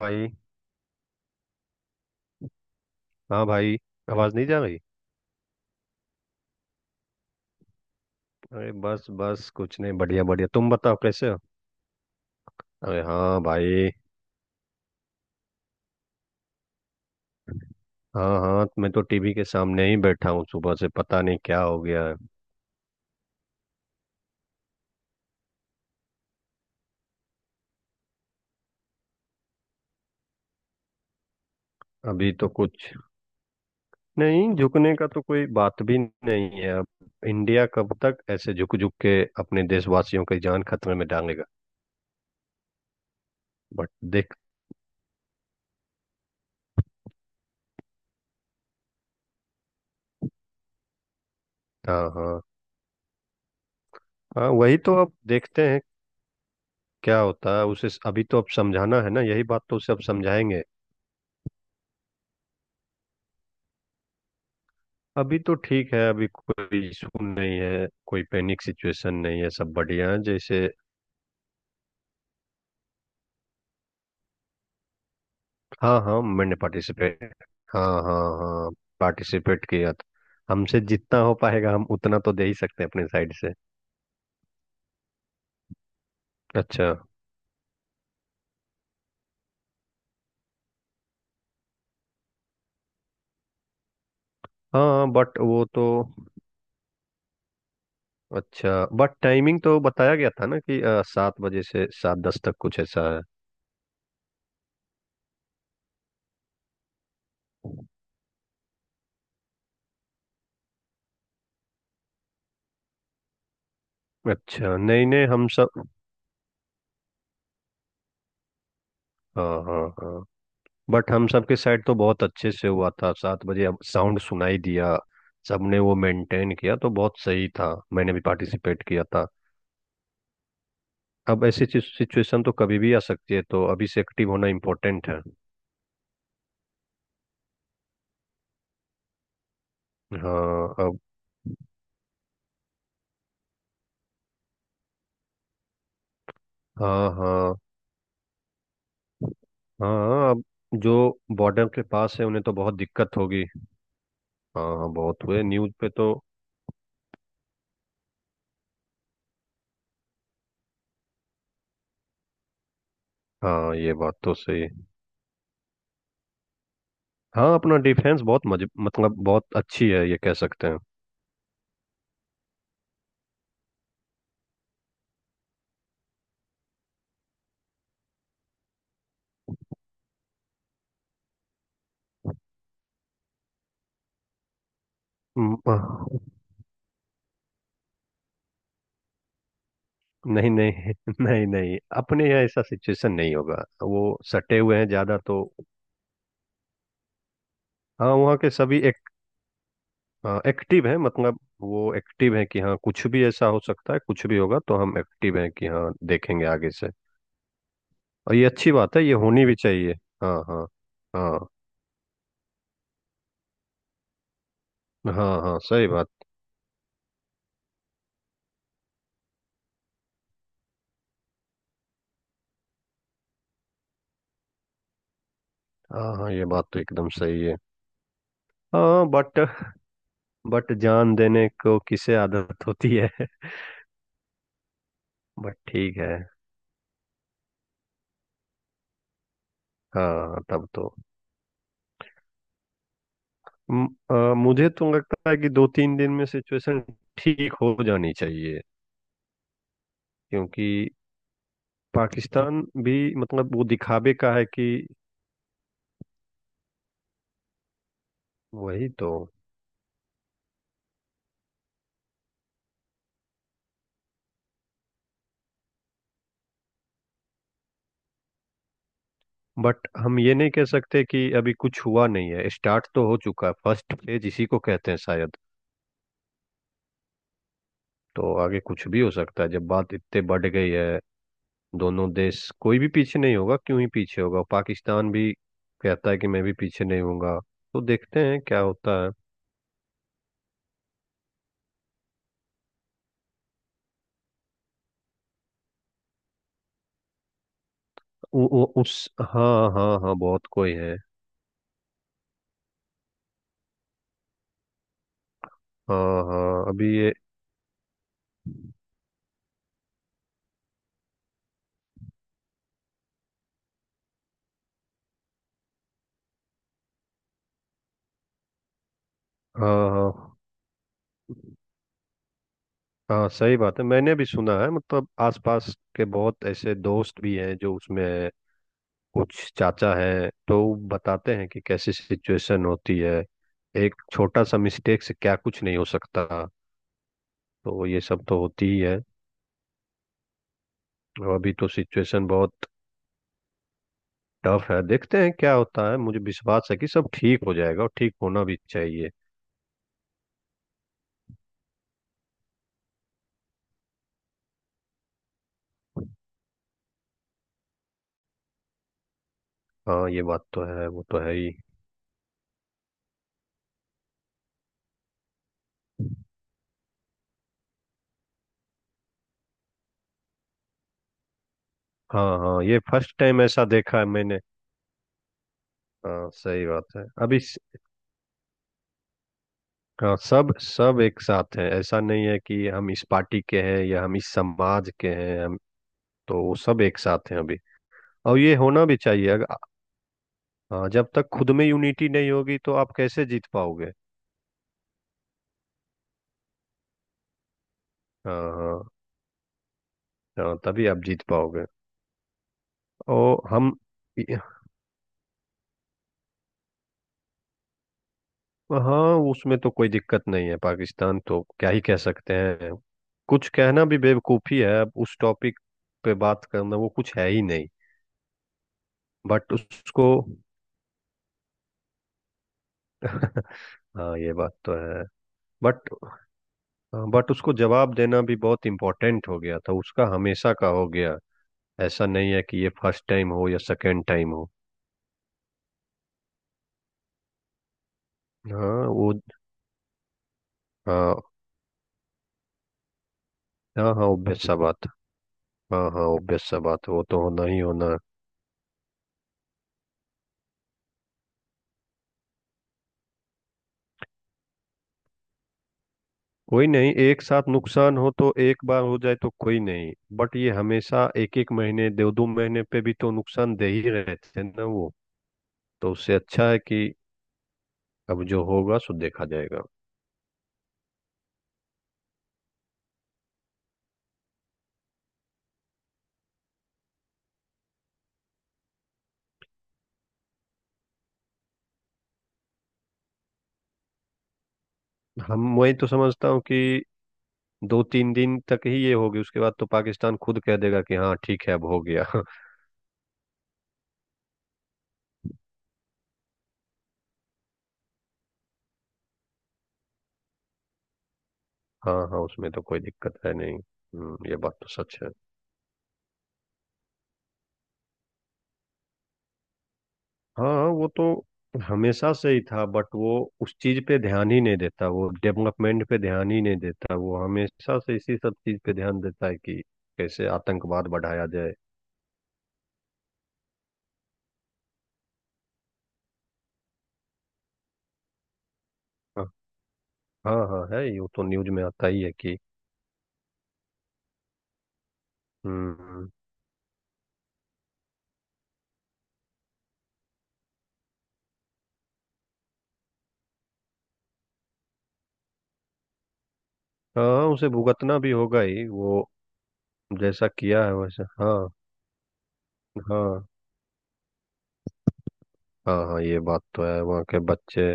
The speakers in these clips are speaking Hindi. भाई। हाँ भाई। आवाज नहीं जा रही। अरे, बस बस कुछ नहीं। बढ़िया बढ़िया। तुम बताओ कैसे हो। अरे हाँ भाई। हाँ हाँ, मैं तो टीवी के सामने ही बैठा हूँ। सुबह से पता नहीं क्या हो गया है। अभी तो कुछ। नहीं, झुकने का तो कोई बात भी नहीं है अब। इंडिया कब तक ऐसे झुक झुक के अपने देशवासियों की जान खतरे में डालेगा। बट देख। हाँ हाँ। हाँ वही तो। अब देखते हैं क्या होता है उसे। अभी तो अब समझाना है ना, यही बात तो उसे अब समझाएंगे। अभी तो ठीक है। अभी कोई इशू नहीं है, कोई पैनिक सिचुएशन नहीं है। सब बढ़िया है जैसे। हाँ हाँ, मैंने पार्टिसिपेट। हाँ हाँ हाँ। पार्टिसिपेट किया था। हमसे जितना हो पाएगा हम उतना तो दे ही सकते हैं अपनी साइड से। अच्छा। हाँ हाँ, बट वो तो। अच्छा बट टाइमिंग तो बताया गया था ना कि सात बजे से सात दस तक कुछ ऐसा है। अच्छा नहीं नहीं, हम सब। हाँ हाँ हाँ। बट हम सब के साइड तो बहुत अच्छे से हुआ था। सात बजे अब साउंड सुनाई दिया। सबने वो मेंटेन किया, तो बहुत सही था। मैंने भी पार्टिसिपेट किया था। अब ऐसी सिचुएशन तो कभी भी आ सकती है, तो अभी से एक्टिव होना इम्पोर्टेंट है। हाँ अब। हाँ हाँ। हाँ अब जो बॉर्डर के पास है उन्हें तो बहुत दिक्कत होगी। हाँ हाँ, बहुत हुए न्यूज़ पे तो। हाँ ये बात तो सही। हाँ अपना डिफेंस बहुत मतलब बहुत अच्छी है, ये कह सकते हैं। हम्म। नहीं नहीं नहीं नहीं, अपने यहाँ ऐसा सिचुएशन नहीं होगा वो। सटे हुए हैं ज्यादा तो। हाँ वहाँ के सभी एक्टिव हैं। मतलब वो एक्टिव हैं कि हाँ कुछ भी ऐसा हो सकता है। कुछ भी होगा तो हम एक्टिव हैं कि हाँ देखेंगे आगे से। और ये अच्छी बात है, ये होनी भी चाहिए। हाँ हाँ। हाँ। हाँ हाँ सही बात। हाँ हाँ, ये बात तो एकदम सही है। हाँ बट। बट जान देने को किसे आदत होती है? बट ठीक है। हाँ तब तो। मुझे तो लगता है कि दो तीन दिन में सिचुएशन ठीक हो जानी चाहिए। क्योंकि पाकिस्तान भी मतलब वो दिखावे का है कि। वही तो। बट हम ये नहीं कह सकते कि अभी कुछ हुआ नहीं है। स्टार्ट तो हो चुका है, फर्स्ट फेज इसी को कहते हैं शायद। तो आगे कुछ भी हो सकता है, जब बात इतने बढ़ गई है। दोनों देश कोई भी पीछे नहीं होगा। क्यों ही पीछे होगा, पाकिस्तान भी कहता है कि मैं भी पीछे नहीं होऊंगा। तो देखते हैं क्या होता है। उ, उ, उस हाँ हाँ हाँ, बहुत कोई है। हाँ हाँ अभी ये। हाँ हाँ हाँ, सही बात है। मैंने भी सुना है, मतलब आसपास के बहुत ऐसे दोस्त भी हैं जो उसमें हैं। कुछ चाचा हैं तो वो बताते हैं कि कैसी सिचुएशन होती है। एक छोटा सा मिस्टेक से क्या कुछ नहीं हो सकता। तो ये सब तो होती ही है। और अभी तो सिचुएशन बहुत टफ है। देखते हैं क्या होता है। मुझे विश्वास है कि सब ठीक हो जाएगा, और ठीक होना भी चाहिए। हाँ ये बात तो है, वो तो है ही। हाँ हाँ, ये फर्स्ट टाइम ऐसा देखा है मैंने। हाँ सही बात है, अभी हाँ, सब सब एक साथ हैं। ऐसा नहीं है कि हम इस पार्टी के हैं या हम इस समाज के हैं। हम तो वो सब एक साथ हैं अभी। और ये होना भी चाहिए अगर। हाँ जब तक खुद में यूनिटी नहीं होगी तो आप कैसे जीत पाओगे? हाँ हाँ। हाँ तभी आप जीत पाओगे। और हम। हाँ उसमें तो कोई दिक्कत नहीं है। पाकिस्तान तो क्या ही कह सकते हैं। कुछ कहना भी बेवकूफ़ी है अब, उस टॉपिक पे बात करना, वो कुछ है ही नहीं। बट उसको। हाँ ये बात तो है। बट। हाँ, बट उसको जवाब देना भी बहुत इम्पोर्टेंट हो गया था। उसका हमेशा का हो गया। ऐसा नहीं है कि ये फर्स्ट टाइम हो या सेकंड टाइम हो। हाँ वो। हाँ। हाँ हाँ, ऑब्वियस सा बात। हाँ हाँ, ऑब्वियस सा बात। वो तो होना ही होना है। कोई नहीं, एक साथ नुकसान हो तो एक बार हो जाए तो कोई नहीं। बट ये हमेशा एक एक महीने दो दो महीने पे भी तो नुकसान दे ही रहे थे ना वो। तो उससे अच्छा है कि अब जो होगा सो देखा जाएगा। हम वही तो समझता हूँ कि दो तीन दिन तक ही ये होगी। उसके बाद तो पाकिस्तान खुद कह देगा कि हाँ ठीक है अब हो गया। हाँ हाँ, उसमें तो कोई दिक्कत है नहीं। ये बात तो सच है। हाँ वो तो हमेशा से ही था, बट वो उस चीज पे ध्यान ही नहीं देता। वो डेवलपमेंट पे ध्यान ही नहीं देता। वो हमेशा से इसी सब चीज पे ध्यान देता है कि कैसे आतंकवाद बढ़ाया जाए। हाँ हाँ हाँ, है, ये तो न्यूज में आता ही है कि। हम्म। हाँ उसे भुगतना भी होगा ही वो। जैसा किया है वैसा। हाँ। हाँ। हाँ हाँ, ये बात तो है। वहाँ के बच्चे।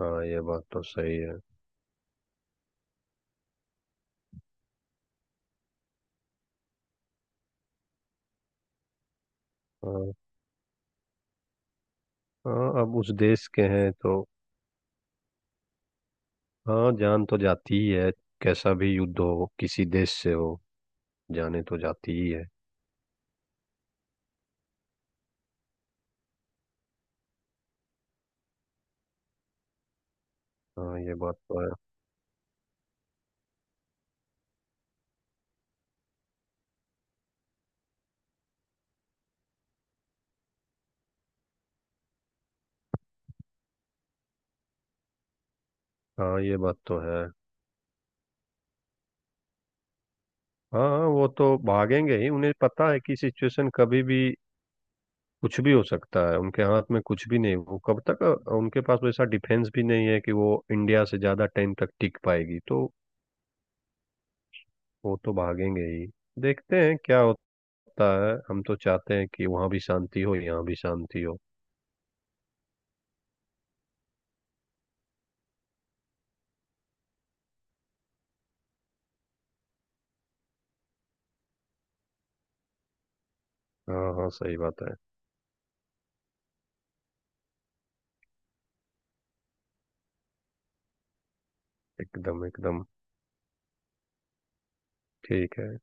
हाँ ये बात तो सही है। हाँ हाँ, अब उस देश के हैं तो। हाँ जान तो जाती ही है। कैसा भी युद्ध हो, किसी देश से हो, जाने तो जाती ही है। हाँ ये बात तो है। हाँ ये बात तो है। हाँ हाँ, वो तो भागेंगे ही। उन्हें पता है कि सिचुएशन कभी भी कुछ भी हो सकता है। उनके हाथ में कुछ भी नहीं, वो कब तक। उनके पास वैसा डिफेंस भी नहीं है कि वो इंडिया से ज्यादा टाइम तक टिक पाएगी, तो वो तो भागेंगे ही। देखते हैं क्या सत्ता है। हम तो चाहते हैं कि वहाँ भी शांति हो, यहाँ भी शांति हो। हाँ हाँ सही बात है। एकदम एकदम। ठीक है।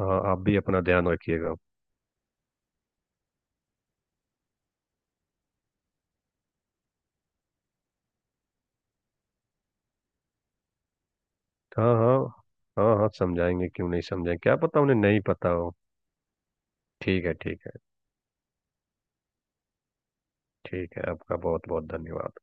हाँ आप भी अपना ध्यान रखिएगा। हाँ हाँ। हाँ हाँ, समझाएंगे। क्यों नहीं समझाएंगे, क्या पता उन्हें नहीं पता हो। ठीक है ठीक है। ठीक है, आपका बहुत बहुत धन्यवाद।